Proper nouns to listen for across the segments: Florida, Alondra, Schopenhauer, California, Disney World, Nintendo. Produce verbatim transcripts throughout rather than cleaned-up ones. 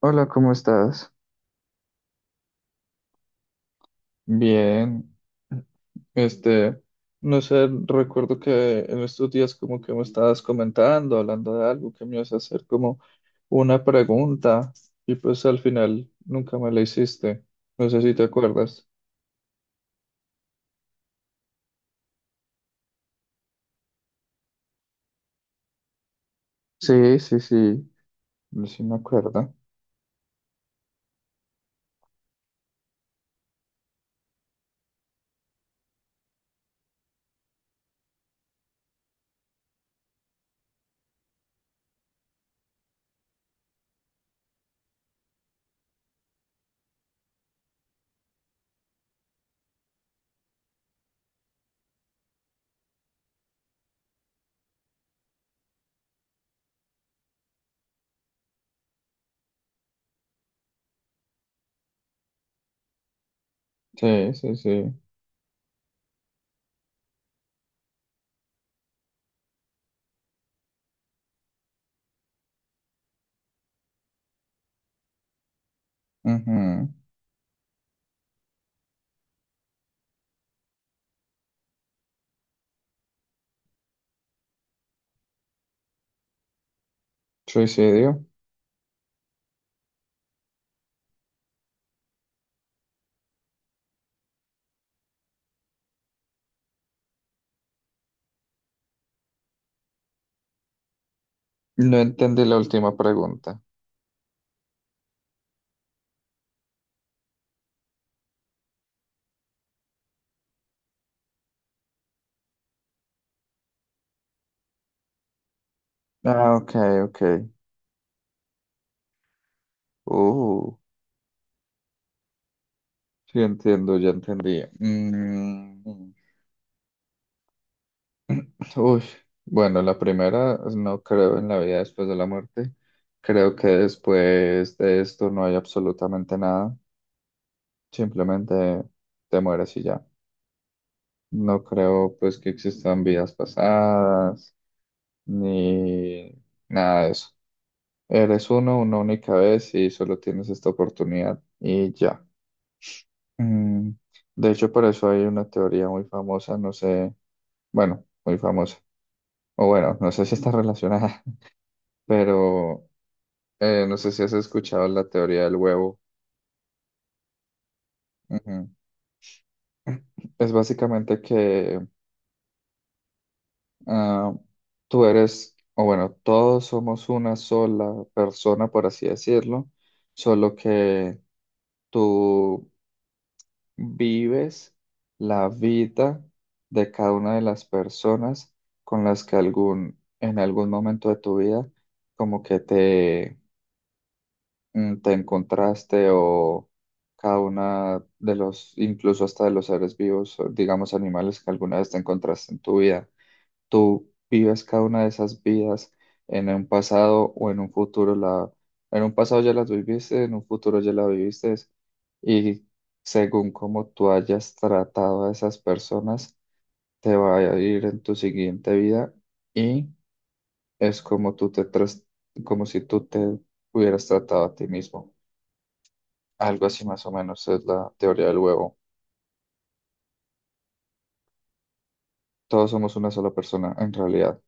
Hola, ¿cómo estás? Bien, este, no sé, recuerdo que en estos días como que me estabas comentando, hablando de algo, que me ibas a hacer como una pregunta y pues al final nunca me la hiciste. No sé si te acuerdas. Sí, sí, sí. No sé si me acuerdo. Sí, sí, sí. Ujú. Suicidio. No entendí la última pregunta. Ah, ok, ok. Uh, sí entiendo, ya entendí. Mm. Uy, bueno, la primera pues, no creo en la vida después de la muerte. Creo que después de esto no hay absolutamente nada. Simplemente te mueres y ya. No creo pues que existan vidas pasadas ni nada de eso. Eres uno una única vez y solo tienes esta oportunidad y ya. Mm, De hecho, por eso hay una teoría muy famosa, no sé, bueno, muy famosa. O bueno, no sé si está relacionada, pero eh, no sé si has escuchado la teoría del huevo. Ujú. Es básicamente que ah, tú eres, o bueno, todos somos una sola persona, por así decirlo, solo que tú vives la vida de cada una de las personas con las que algún, en algún momento de tu vida, como que te mm, te encontraste, o cada una de los, incluso hasta de los seres vivos, o digamos animales que alguna vez te encontraste en tu vida. Tú vives cada una de esas vidas en un pasado o en un futuro. La, en un pasado ya las viviste, en un futuro ya la viviste. Y según cómo tú hayas tratado a esas personas, te va a ir en tu siguiente vida y es como tú te tras- como si tú te hubieras tratado a ti mismo. Algo así más o menos es la teoría del huevo. Todos somos una sola persona en realidad,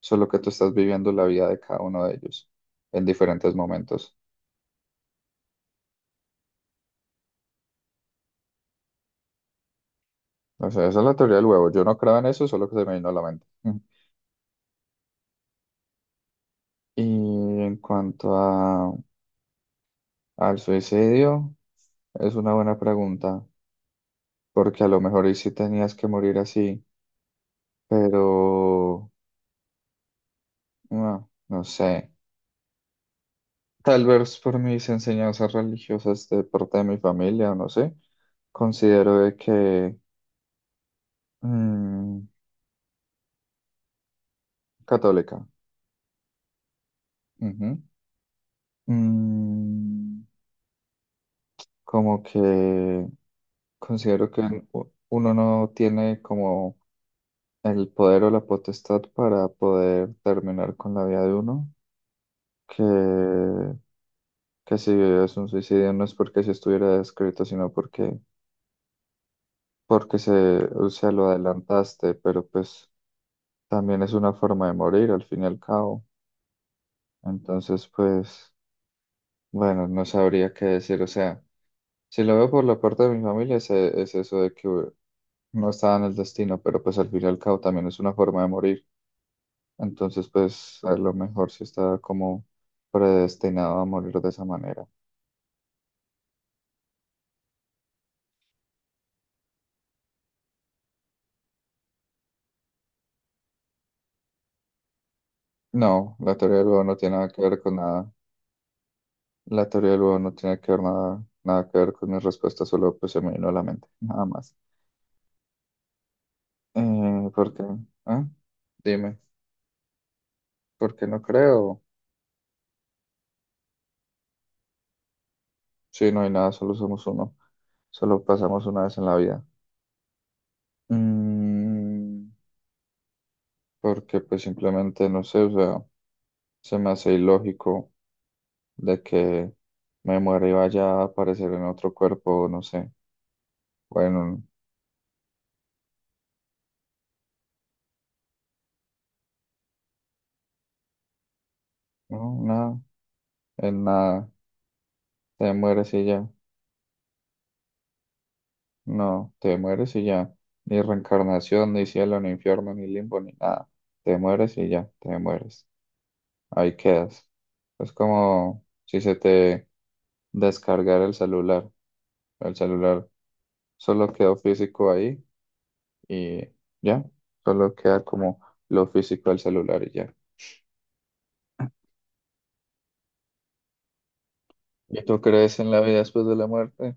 solo que tú estás viviendo la vida de cada uno de ellos en diferentes momentos. O sea, esa es la teoría del huevo. Yo no creo en eso, solo que se me vino a la mente. Mm. Y en cuanto a, al suicidio, es una buena pregunta, porque a lo mejor y sí tenías que morir así, pero no, no sé. Tal vez por mis enseñanzas religiosas de parte de mi familia, no sé, considero de que Mm, católica. Ujú. Mm, como que considero que u- uno no tiene como el poder o la potestad para poder terminar con la vida de uno, que, que si es un suicidio no es porque se estuviera escrito, sino porque, porque se, o sea, lo adelantaste, pero pues también es una forma de morir al fin y al cabo. Entonces, pues, bueno, no sabría qué decir, o sea. Si lo veo por la parte de mi familia, es, e- es eso de que no estaba en el destino, pero pues al fin y al cabo también es una forma de morir. Entonces, pues a lo mejor sí está como predestinado a morir de esa manera. No, la teoría del huevo no tiene nada que ver con nada. La teoría del huevo no tiene que ver nada, nada que ver con mi respuesta, solo pues se me vino a la mente, nada más. Eh, ¿por qué? ¿Ah? Dime, ¿por qué no creo? Sí, no hay nada, solo somos uno. Solo pasamos una vez en la vida. Mm, porque pues simplemente no sé, o sea, se me hace ilógico de que me muera y vaya a aparecer en otro cuerpo, no sé, bueno, no, nada, en nada, te mueres y ya, no, te mueres y ya, ni reencarnación, ni cielo, ni infierno, ni limbo, ni nada, te mueres y ya, te mueres, ahí quedas. Es como si se te descargara el celular, el celular solo quedó físico ahí y ya, solo queda como lo físico del celular y ya. ¿Y tú crees en la vida después de la muerte?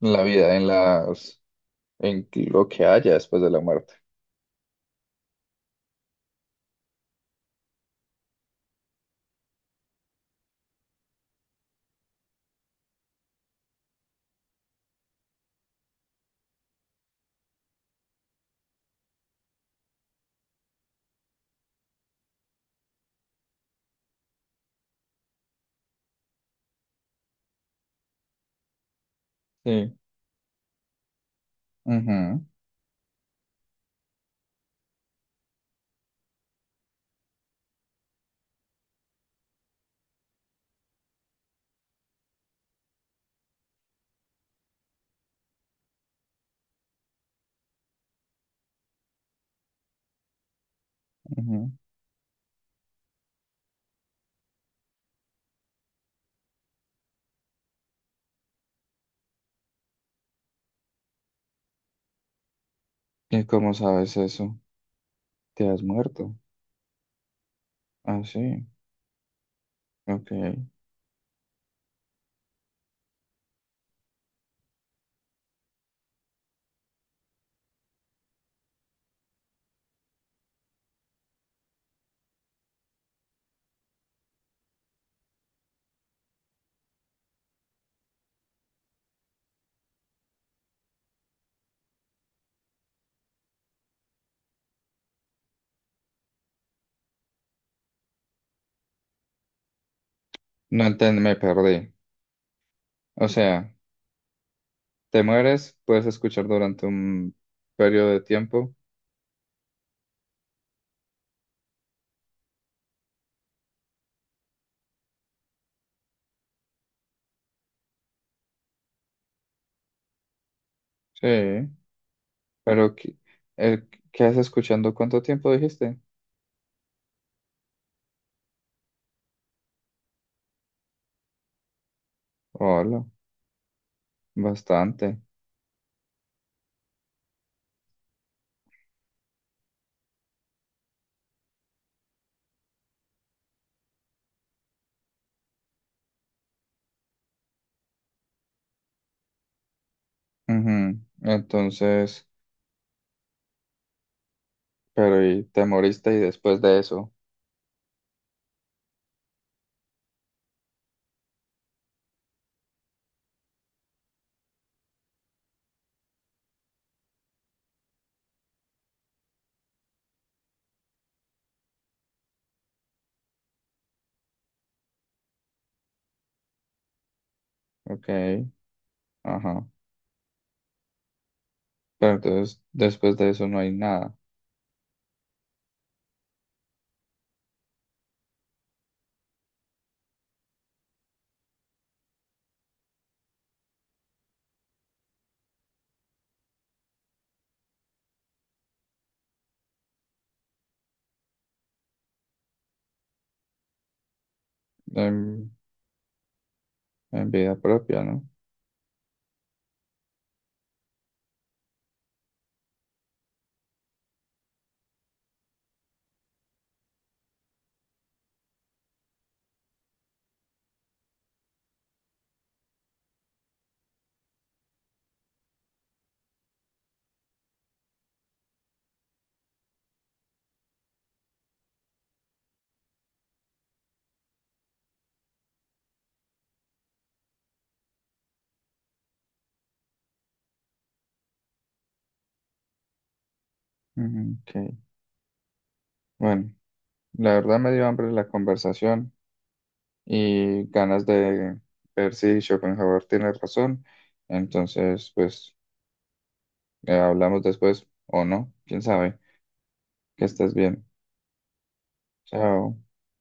En la vida, en las, en lo que haya después de la muerte. Sí. Ujú, ujú. ¿Y cómo sabes eso? ¿Te has muerto? Ah, sí. Ok. No entiendo, me perdí. O sea, te mueres, puedes escuchar durante un periodo de tiempo. Sí. Pero, ¿qué, el- qué haces escuchando? ¿Cuánto tiempo dijiste? Hola, bastante. Ujú, entonces, pero y te moriste y después de eso, ok, ajá, pero entonces después de eso no hay nada en, en vida propia, ¿no? Ujú, ok, bueno, la verdad me dio hambre la conversación y ganas de ver si Schopenhauer tiene razón, entonces pues eh, hablamos después o no, quién sabe, que estés bien, chao.